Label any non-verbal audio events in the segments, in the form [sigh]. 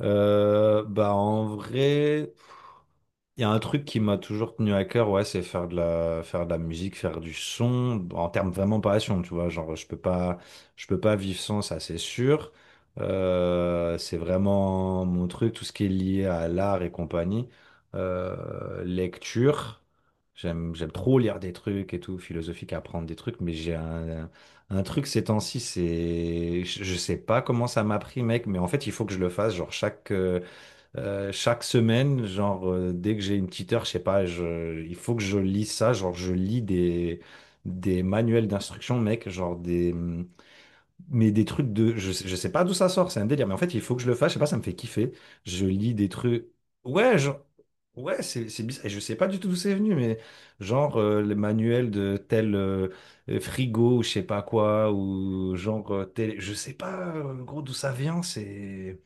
Bah en vrai, il y a un truc qui m'a toujours tenu à cœur, ouais, c'est faire de la musique, faire du son, en termes vraiment passion, tu vois, genre je peux pas vivre sans ça, c'est sûr. C'est vraiment mon truc, tout ce qui est lié à l'art et compagnie. Lecture, j'aime trop lire des trucs et tout, philosophique, apprendre des trucs, mais j'ai un truc ces temps-ci, c'est, je sais pas comment ça m'a pris, mec, mais en fait il faut que je le fasse, genre chaque semaine, genre, dès que j'ai une petite heure, je sais pas, il faut que je lis ça. Genre, je lis des manuels d'instruction, mec. Genre, des, mais des trucs de. Je sais pas d'où ça sort, c'est un délire. Mais en fait, il faut que je le fasse. Je sais pas, ça me fait kiffer. Je lis des trucs. Ouais, genre. Ouais, c'est bizarre. Et je sais pas du tout d'où c'est venu, mais genre, le manuel de tel frigo ou je sais pas quoi, ou genre, tel. Je sais pas, gros, d'où ça vient. C'est.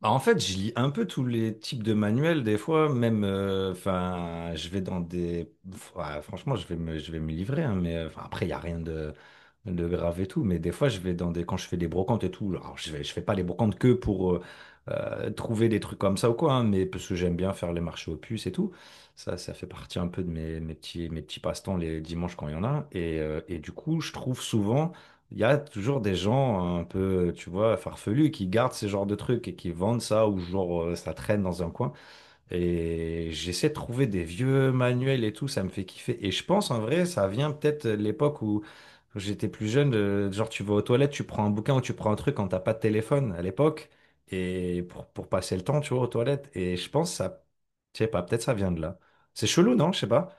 Bah, en fait, je lis un peu tous les types de manuels des fois, même, enfin, je vais dans des, ouais, franchement, je vais me livrer, hein, mais 'fin, après, il y a rien de grave et tout, mais des fois, je vais dans des, quand je fais des brocantes et tout, alors je vais, je fais pas les brocantes que pour trouver des trucs comme ça ou quoi, hein, mais parce que j'aime bien faire les marchés aux puces et tout, ça fait partie un peu de mes petits passe-temps les dimanches quand il y en a, et du coup, je trouve souvent il y a toujours des gens un peu, tu vois, farfelus qui gardent ces genres de trucs et qui vendent ça ou genre ça traîne dans un coin. Et j'essaie de trouver des vieux manuels et tout, ça me fait kiffer. Et je pense en vrai, ça vient peut-être de l'époque où j'étais plus jeune, genre tu vas aux toilettes, tu prends un bouquin ou tu prends un truc quand t'as pas de téléphone à l'époque et pour passer le temps, tu vois, aux toilettes. Et je pense ça, je sais pas, peut-être ça vient de là. C'est chelou, non? Je sais pas.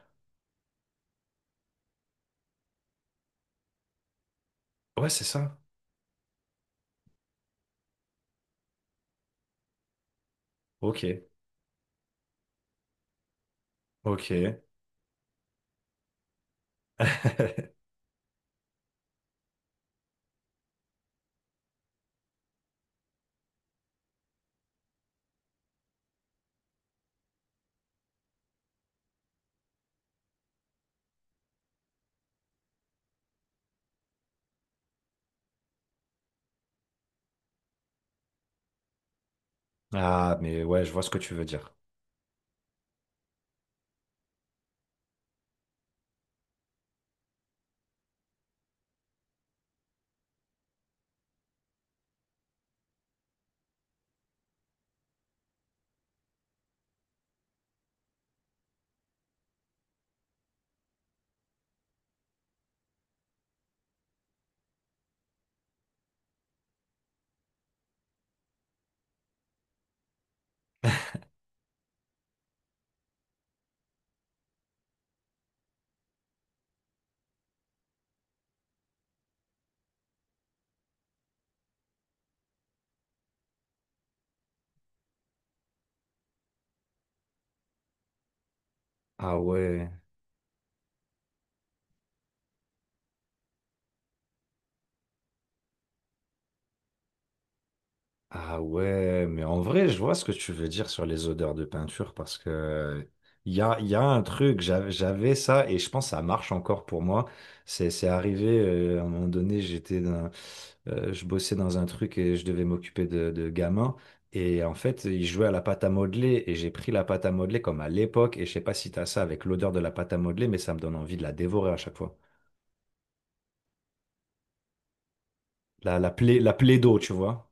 Ouais, c'est ça. Ok, ok. [laughs] Ah, mais ouais, je vois ce que tu veux dire. Ah ouais, ah ouais, mais en vrai, je vois ce que tu veux dire sur les odeurs de peinture parce que il y a un truc, j'avais ça et je pense que ça marche encore pour moi. C'est arrivé à un moment donné, je bossais dans un truc et je devais m'occuper de gamins. Et en fait, ils jouaient à la pâte à modeler et j'ai pris la pâte à modeler comme à l'époque. Et je sais pas si t'as ça avec l'odeur de la pâte à modeler, mais ça me donne envie de la dévorer à chaque fois. La plaie d'eau, tu vois.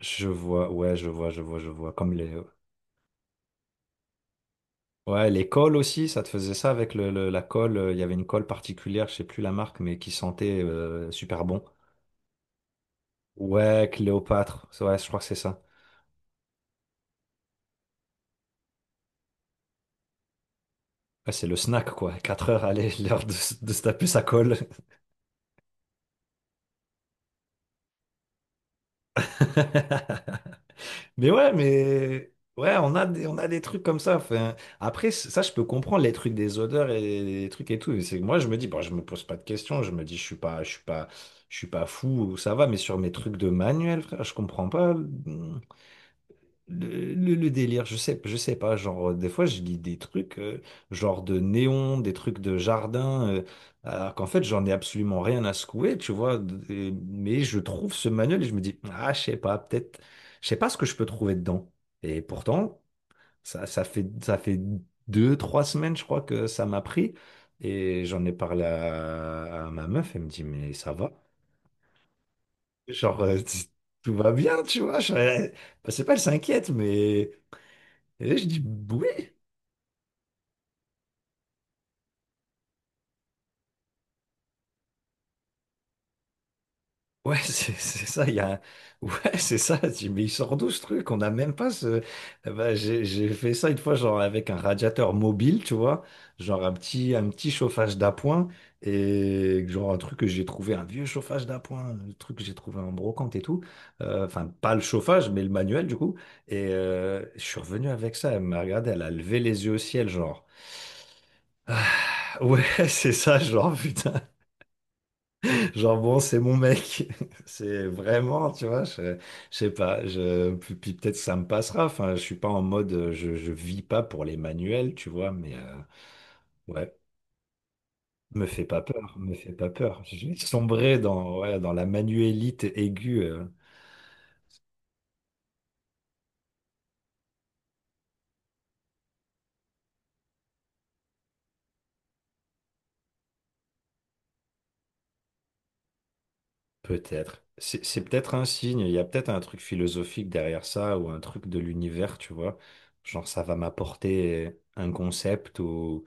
Je vois, ouais, je vois, je vois, je vois. Comme les. Ouais, les cols aussi, ça te faisait ça avec la colle. Il y avait une colle particulière, je sais plus la marque, mais qui sentait super bon. Ouais, Cléopâtre. Ouais, je crois que c'est ça. Ouais, c'est le snack, quoi. [laughs] 4 heures, allez, [laughs] l'heure de se taper sa colle. [laughs] Mais ouais, on a des trucs comme ça. Enfin, après, ça, je peux comprendre les trucs des odeurs et les trucs et tout. Mais c'est que moi, je me dis, bon, je me pose pas de questions. Je me dis, je suis pas fou. Ça va. Mais sur mes trucs de manuel, frère, je comprends pas. Hmm. Le délire, je sais pas, genre, des fois, je lis des trucs, genre de néons, des trucs de jardin, alors qu'en fait, j'en ai absolument rien à secouer, tu vois, mais je trouve ce manuel et je me dis, ah, je sais pas, peut-être, je sais pas ce que je peux trouver dedans. Et pourtant, ça, ça fait 2, 3 semaines, je crois, que ça m'a pris, et j'en ai parlé à ma meuf, elle me dit, mais ça va, genre, [laughs] tout va bien, tu vois, bah, c'est pas, elle s'inquiète, mais. Et là, je dis, oui, ouais, [laughs] c'est ça, il y a. [laughs] Ouais, c'est ça. Je dis, mais il sort d'où ce truc? On n'a même pas ce. Eh ben, j'ai fait ça une fois, genre avec un radiateur mobile, tu vois, genre un petit chauffage d'appoint, et genre un truc que j'ai trouvé, un vieux chauffage d'appoint, un truc que j'ai trouvé en brocante et tout. Enfin, pas le chauffage, mais le manuel, du coup, et je suis revenu avec ça, elle m'a regardé, elle a levé les yeux au ciel, genre. Ah, ouais, [laughs] c'est ça, genre, putain. Genre bon, c'est mon mec. [laughs] C'est vraiment, tu vois, je sais pas. Je, puis puis peut-être ça me passera. Enfin, je suis pas en mode, je vis pas pour les manuels, tu vois. Mais ouais, me fait pas peur, me fait pas peur. Je vais sombrer dans, ouais, dans la manuélite aiguë, peut-être. C'est peut-être un signe. Il y a peut-être un truc philosophique derrière ça ou un truc de l'univers, tu vois. Genre ça va m'apporter un concept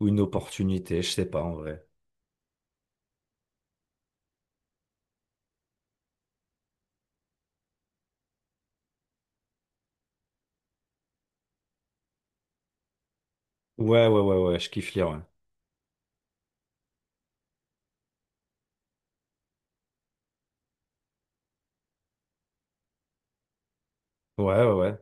ou une opportunité. Je sais pas en vrai. Ouais, ouais, ouais, ouais. Je kiffe lire. Ouais. Ouais, ouais, ouais.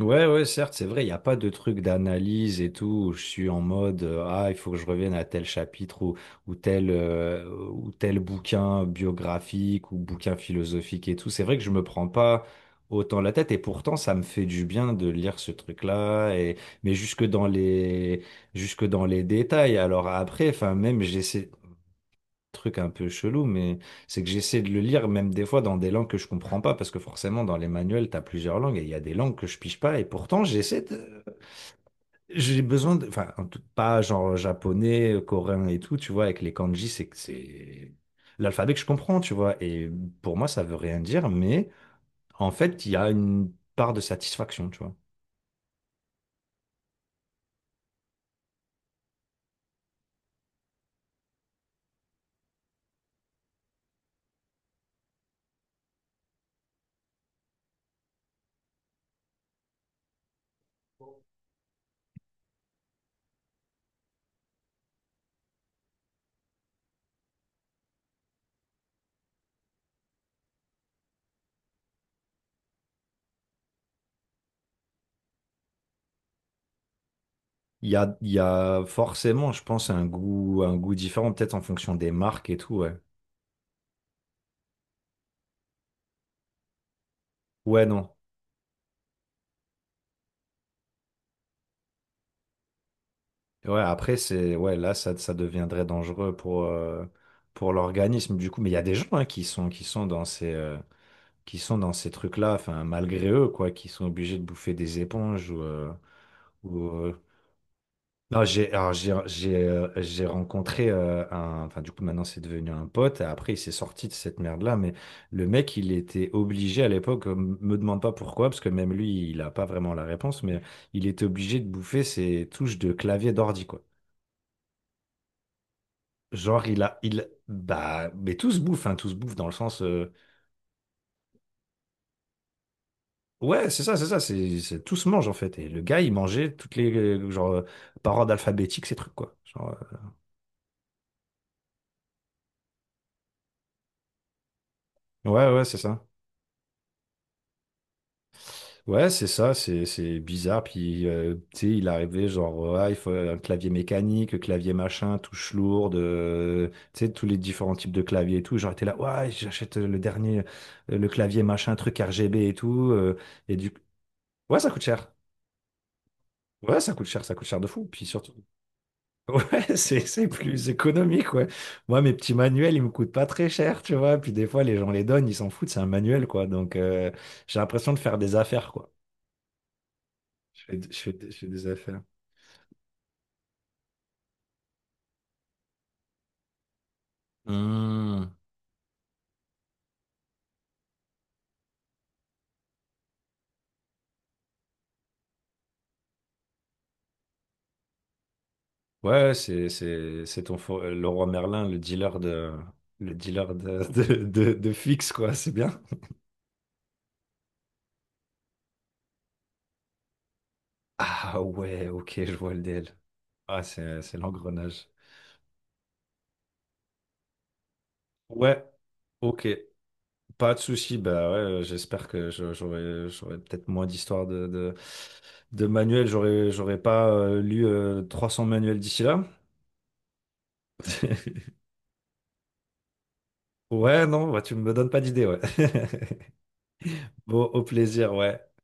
Ouais, ouais, certes, c'est vrai, il n'y a pas de truc d'analyse et tout, où je suis en mode, ah, il faut que je revienne à tel chapitre ou tel bouquin biographique ou bouquin philosophique et tout. C'est vrai que je me prends pas autant la tête et pourtant, ça me fait du bien de lire ce truc-là et, mais jusque dans les détails. Alors après, enfin, même j'essaie, truc un peu chelou, mais c'est que j'essaie de le lire même des fois dans des langues que je comprends pas, parce que forcément dans les manuels, tu as plusieurs langues et il y a des langues que je pige pas, et pourtant j'essaie de. J'ai besoin de. Enfin, pas genre japonais, coréen et tout, tu vois, avec les kanji, c'est que c'est. L'alphabet que je comprends, tu vois, et pour moi ça veut rien dire, mais en fait il y a une part de satisfaction, tu vois. Il y a forcément, je pense, un goût différent, peut-être en fonction des marques et tout, ouais. Ouais, non. Ouais, après, c'est, ouais, là, ça deviendrait dangereux pour l'organisme, du coup. Mais il y a des gens hein, qui sont dans ces, qui sont dans ces trucs-là, enfin, malgré eux, quoi, qui sont obligés de bouffer des éponges. Ou, euh, Non, alors, j'ai rencontré un, enfin, du coup, maintenant, c'est devenu un pote, et après, il s'est sorti de cette merde-là, mais le mec, il était obligé à l'époque, me demande pas pourquoi, parce que même lui, il a pas vraiment la réponse, mais il était obligé de bouffer ses touches de clavier d'ordi, quoi. Genre, bah, mais tout se bouffe, hein, tout se bouffe dans le sens, ouais, c'est ça, tout se mange en fait. Et le gars, il mangeait toutes les, genre, par ordre alphabétique, ces trucs, quoi. Genre, ouais, ouais, c'est ça. Ouais, c'est ça, c'est bizarre. Puis, tu sais, il arrivait, genre, ouais, il faut un clavier mécanique, clavier machin, touche lourde, tu sais, tous les différents types de claviers et tout. Genre, t'es là, ouais, j'achète le dernier, le clavier machin, truc RGB et tout. Et du, ouais, ça coûte cher. Ouais, ça coûte cher de fou. Puis surtout, ouais, [laughs] c'est plus économique, ouais. Moi, mes petits manuels, ils me coûtent pas très cher, tu vois. Puis des fois, les gens les donnent, ils s'en foutent, c'est un manuel, quoi. Donc, j'ai l'impression de faire des affaires, quoi. Je fais des affaires. Hmm. Ouais, c'est ton le roi Merlin, [laughs] de fixe, quoi. C'est bien. Ah ouais, ok, je vois le DL. Ah, c'est l'engrenage. Ouais, ok. Pas de souci, bah ouais, j'espère que j'aurai peut-être moins d'histoires de manuels, j'aurais pas lu 300 manuels d'ici là. [laughs] Ouais, non, bah, tu me donnes pas d'idée, ouais. [laughs] Bon, au plaisir, ouais.